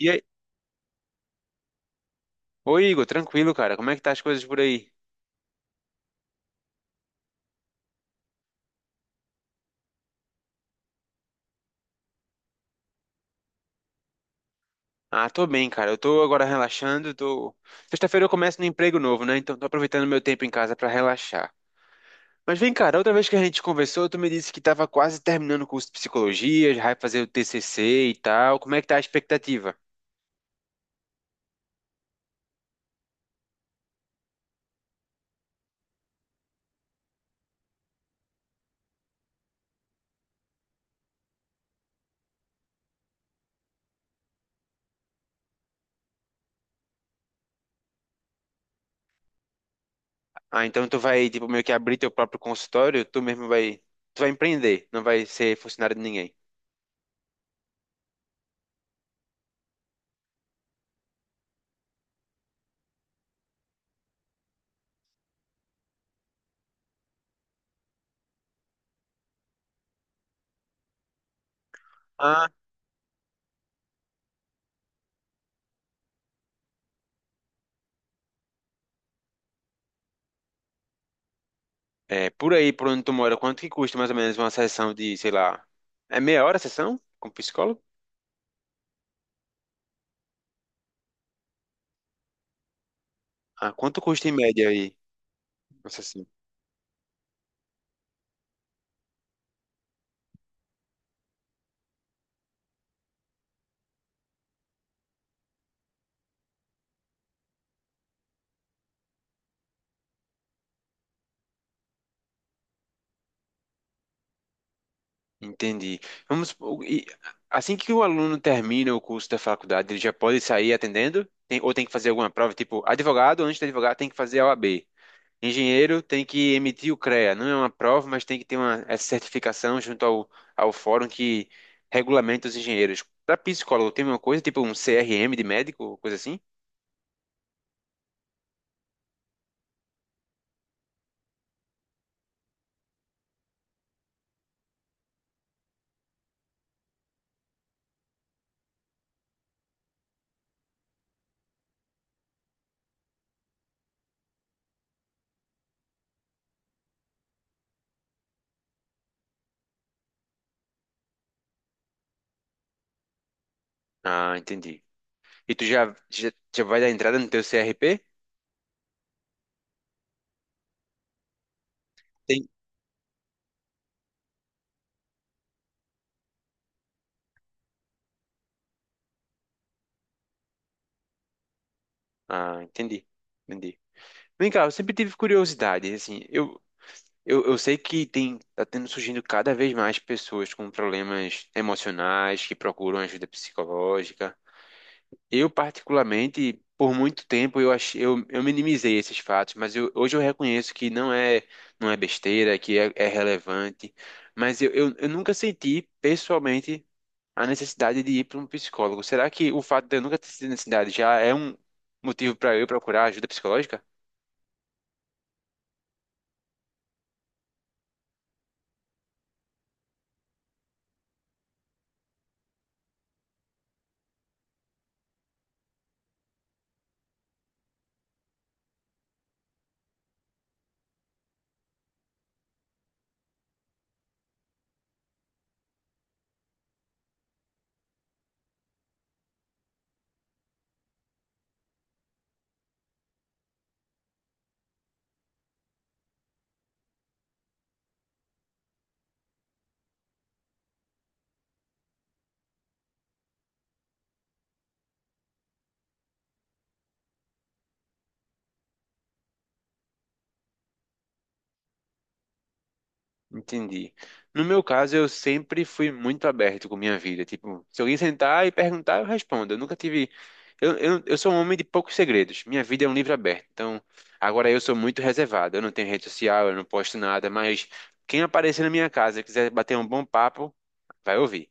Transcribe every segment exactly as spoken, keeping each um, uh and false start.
E aí? Oi, Igor, tranquilo, cara? Como é que tá as coisas por aí? Ah, tô bem, cara. Eu tô agora relaxando, tô... Sexta-feira eu começo no emprego novo, né? Então tô aproveitando meu tempo em casa pra relaxar. Mas vem, cara, outra vez que a gente conversou, tu me disse que tava quase terminando o curso de psicologia, já vai fazer o T C C e tal. Como é que tá a expectativa? Ah, então tu vai, tipo, meio que abrir teu próprio consultório, tu mesmo vai... Tu vai empreender, não vai ser funcionário de ninguém. Ah, é, por aí, por onde tu mora, quanto que custa mais ou menos uma sessão de, sei lá... É meia hora a sessão? Com psicólogo? Ah, quanto custa em média aí? Nossa, assim, entendi. Vamos, supor, e assim que o aluno termina o curso da faculdade, ele já pode sair atendendo? Tem- ou tem que fazer alguma prova? Tipo, advogado, antes de advogado, tem que fazer a O A B. Engenheiro tem que emitir o CREA. Não é uma prova, mas tem que ter uma, essa certificação junto ao, ao fórum que regulamenta os engenheiros. Para psicólogo, tem uma coisa, tipo um C R M de médico, coisa assim? Ah, entendi. E tu já, já, já vai dar entrada no teu C R P? Tem. Ah, entendi. Entendi. Vem cá, eu sempre tive curiosidade, assim, eu, eu, eu sei que tem, tá tendo surgindo cada vez mais pessoas com problemas emocionais que procuram ajuda psicológica. Eu, particularmente, por muito tempo eu achei, eu, eu minimizei esses fatos, mas eu, hoje eu reconheço que não é, não é besteira, que é, é relevante, mas eu, eu, eu nunca senti, pessoalmente, a necessidade de ir para um psicólogo. Será que o fato de eu nunca ter sentido necessidade já é um motivo para eu procurar ajuda psicológica? Entendi. No meu caso, eu sempre fui muito aberto com minha vida. Tipo, se alguém sentar e perguntar, eu respondo. Eu nunca tive. Eu, eu, eu sou um homem de poucos segredos. Minha vida é um livro aberto. Então, agora eu sou muito reservado. Eu não tenho rede social, eu não posto nada. Mas quem aparecer na minha casa e quiser bater um bom papo, vai ouvir.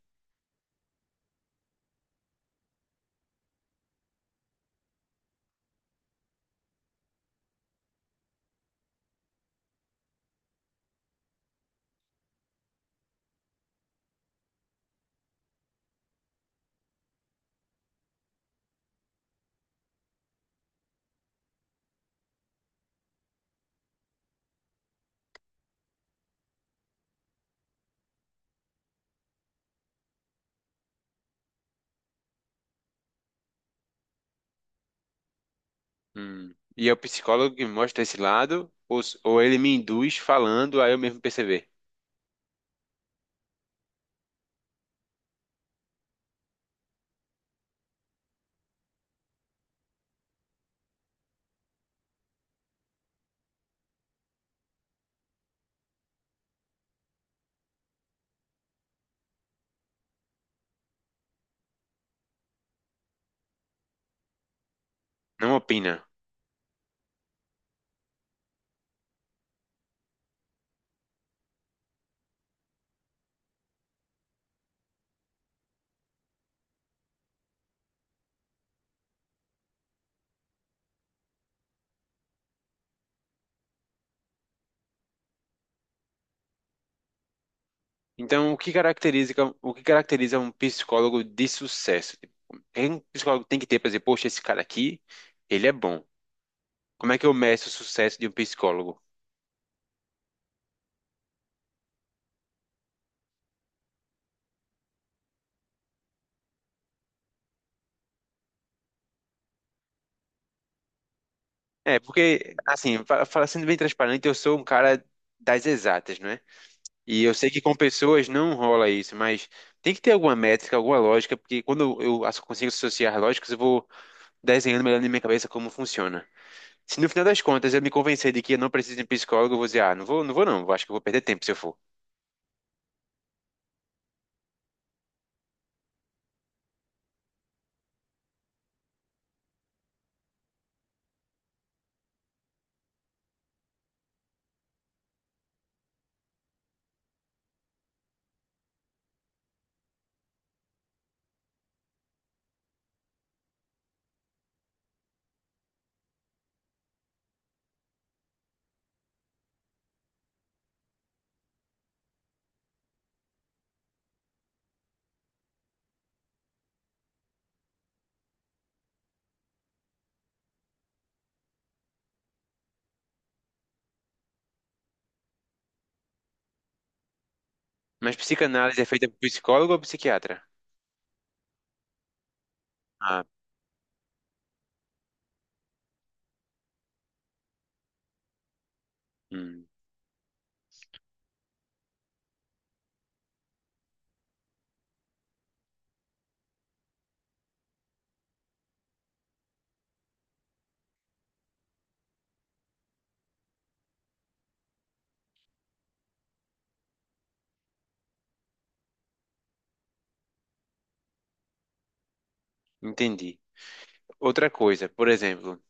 Hum. E é o psicólogo que mostra esse lado, ou, s- ou ele me induz falando a eu mesmo perceber. Não opina. Então, o que caracteriza, o que caracteriza um psicólogo de sucesso? Tipo, o que um psicólogo tem que ter para dizer, poxa, esse cara aqui, ele é bom. Como é que eu meço o sucesso de um psicólogo? É, porque, assim, fa- fala- sendo bem transparente, eu sou um cara das exatas, não é? E eu sei que com pessoas não rola isso, mas tem que ter alguma métrica, alguma lógica, porque quando eu as- consigo associar lógicas, eu vou desenhando melhor na minha cabeça como funciona. Se no final das contas eu me convencer de que eu não preciso de um psicólogo, eu vou dizer, ah, não vou, não vou não, acho que eu vou perder tempo se eu for. Mas psicanálise é feita por psicólogo ou psiquiatra? Ah, hum, entendi. Outra coisa, por exemplo,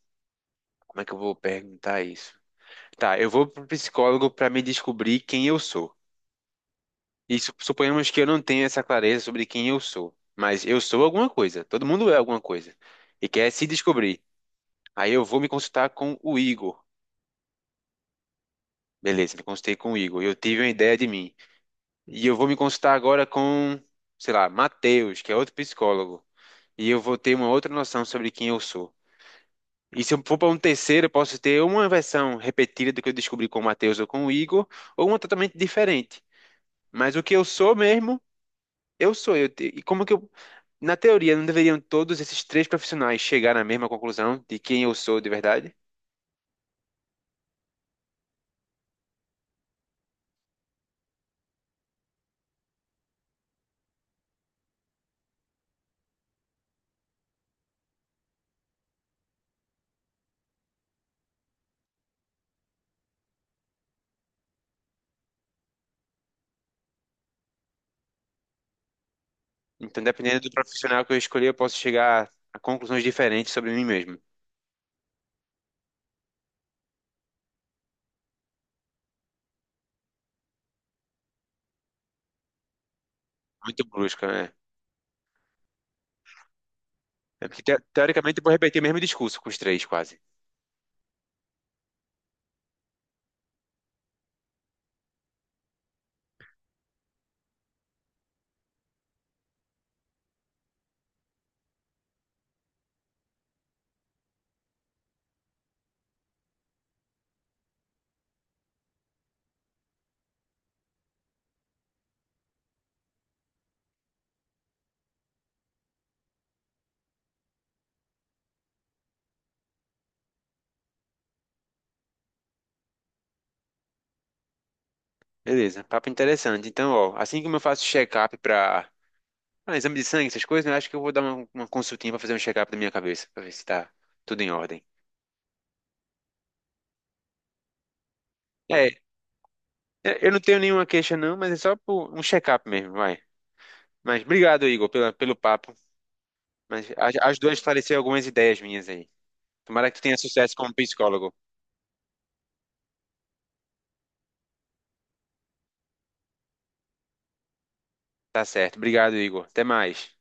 como é que eu vou perguntar isso? Tá, eu vou pro psicólogo para me descobrir quem eu sou. E su- suponhamos que eu não tenha essa clareza sobre quem eu sou, mas eu sou alguma coisa. Todo mundo é alguma coisa e quer se descobrir. Aí eu vou me consultar com o Igor. Beleza, me consultei com o Igor. Eu tive uma ideia de mim. E eu vou me consultar agora com, sei lá, Matheus, que é outro psicólogo. E eu vou ter uma outra noção sobre quem eu sou. E se eu for para um terceiro, eu posso ter uma versão repetida do que eu descobri com o Matheus ou com o Igor, ou uma totalmente diferente. Mas o que eu sou mesmo, eu sou. Eu, te- e como que eu. Na teoria, não deveriam todos esses três profissionais chegar na mesma conclusão de quem eu sou de verdade? Então, dependendo do profissional que eu escolher, eu posso chegar a conclusões diferentes sobre mim mesmo. Muito brusca, né? É porque, te- teoricamente, eu vou repetir o mesmo discurso com os três, quase. Beleza, papo interessante. Então, ó, assim como eu faço check-up para, ah, exame de sangue, essas coisas, né? Acho que eu vou dar uma, uma consultinha pra fazer um check-up da minha cabeça, pra ver se tá tudo em ordem. É, é, eu não tenho nenhuma queixa não, mas é só por um check-up mesmo, vai. Mas obrigado, Igor, pela, pelo papo. Mas a- ajudou a esclarecer algumas ideias minhas aí. Tomara que tu tenha sucesso como psicólogo. Tá certo. Obrigado, Igor. Até mais.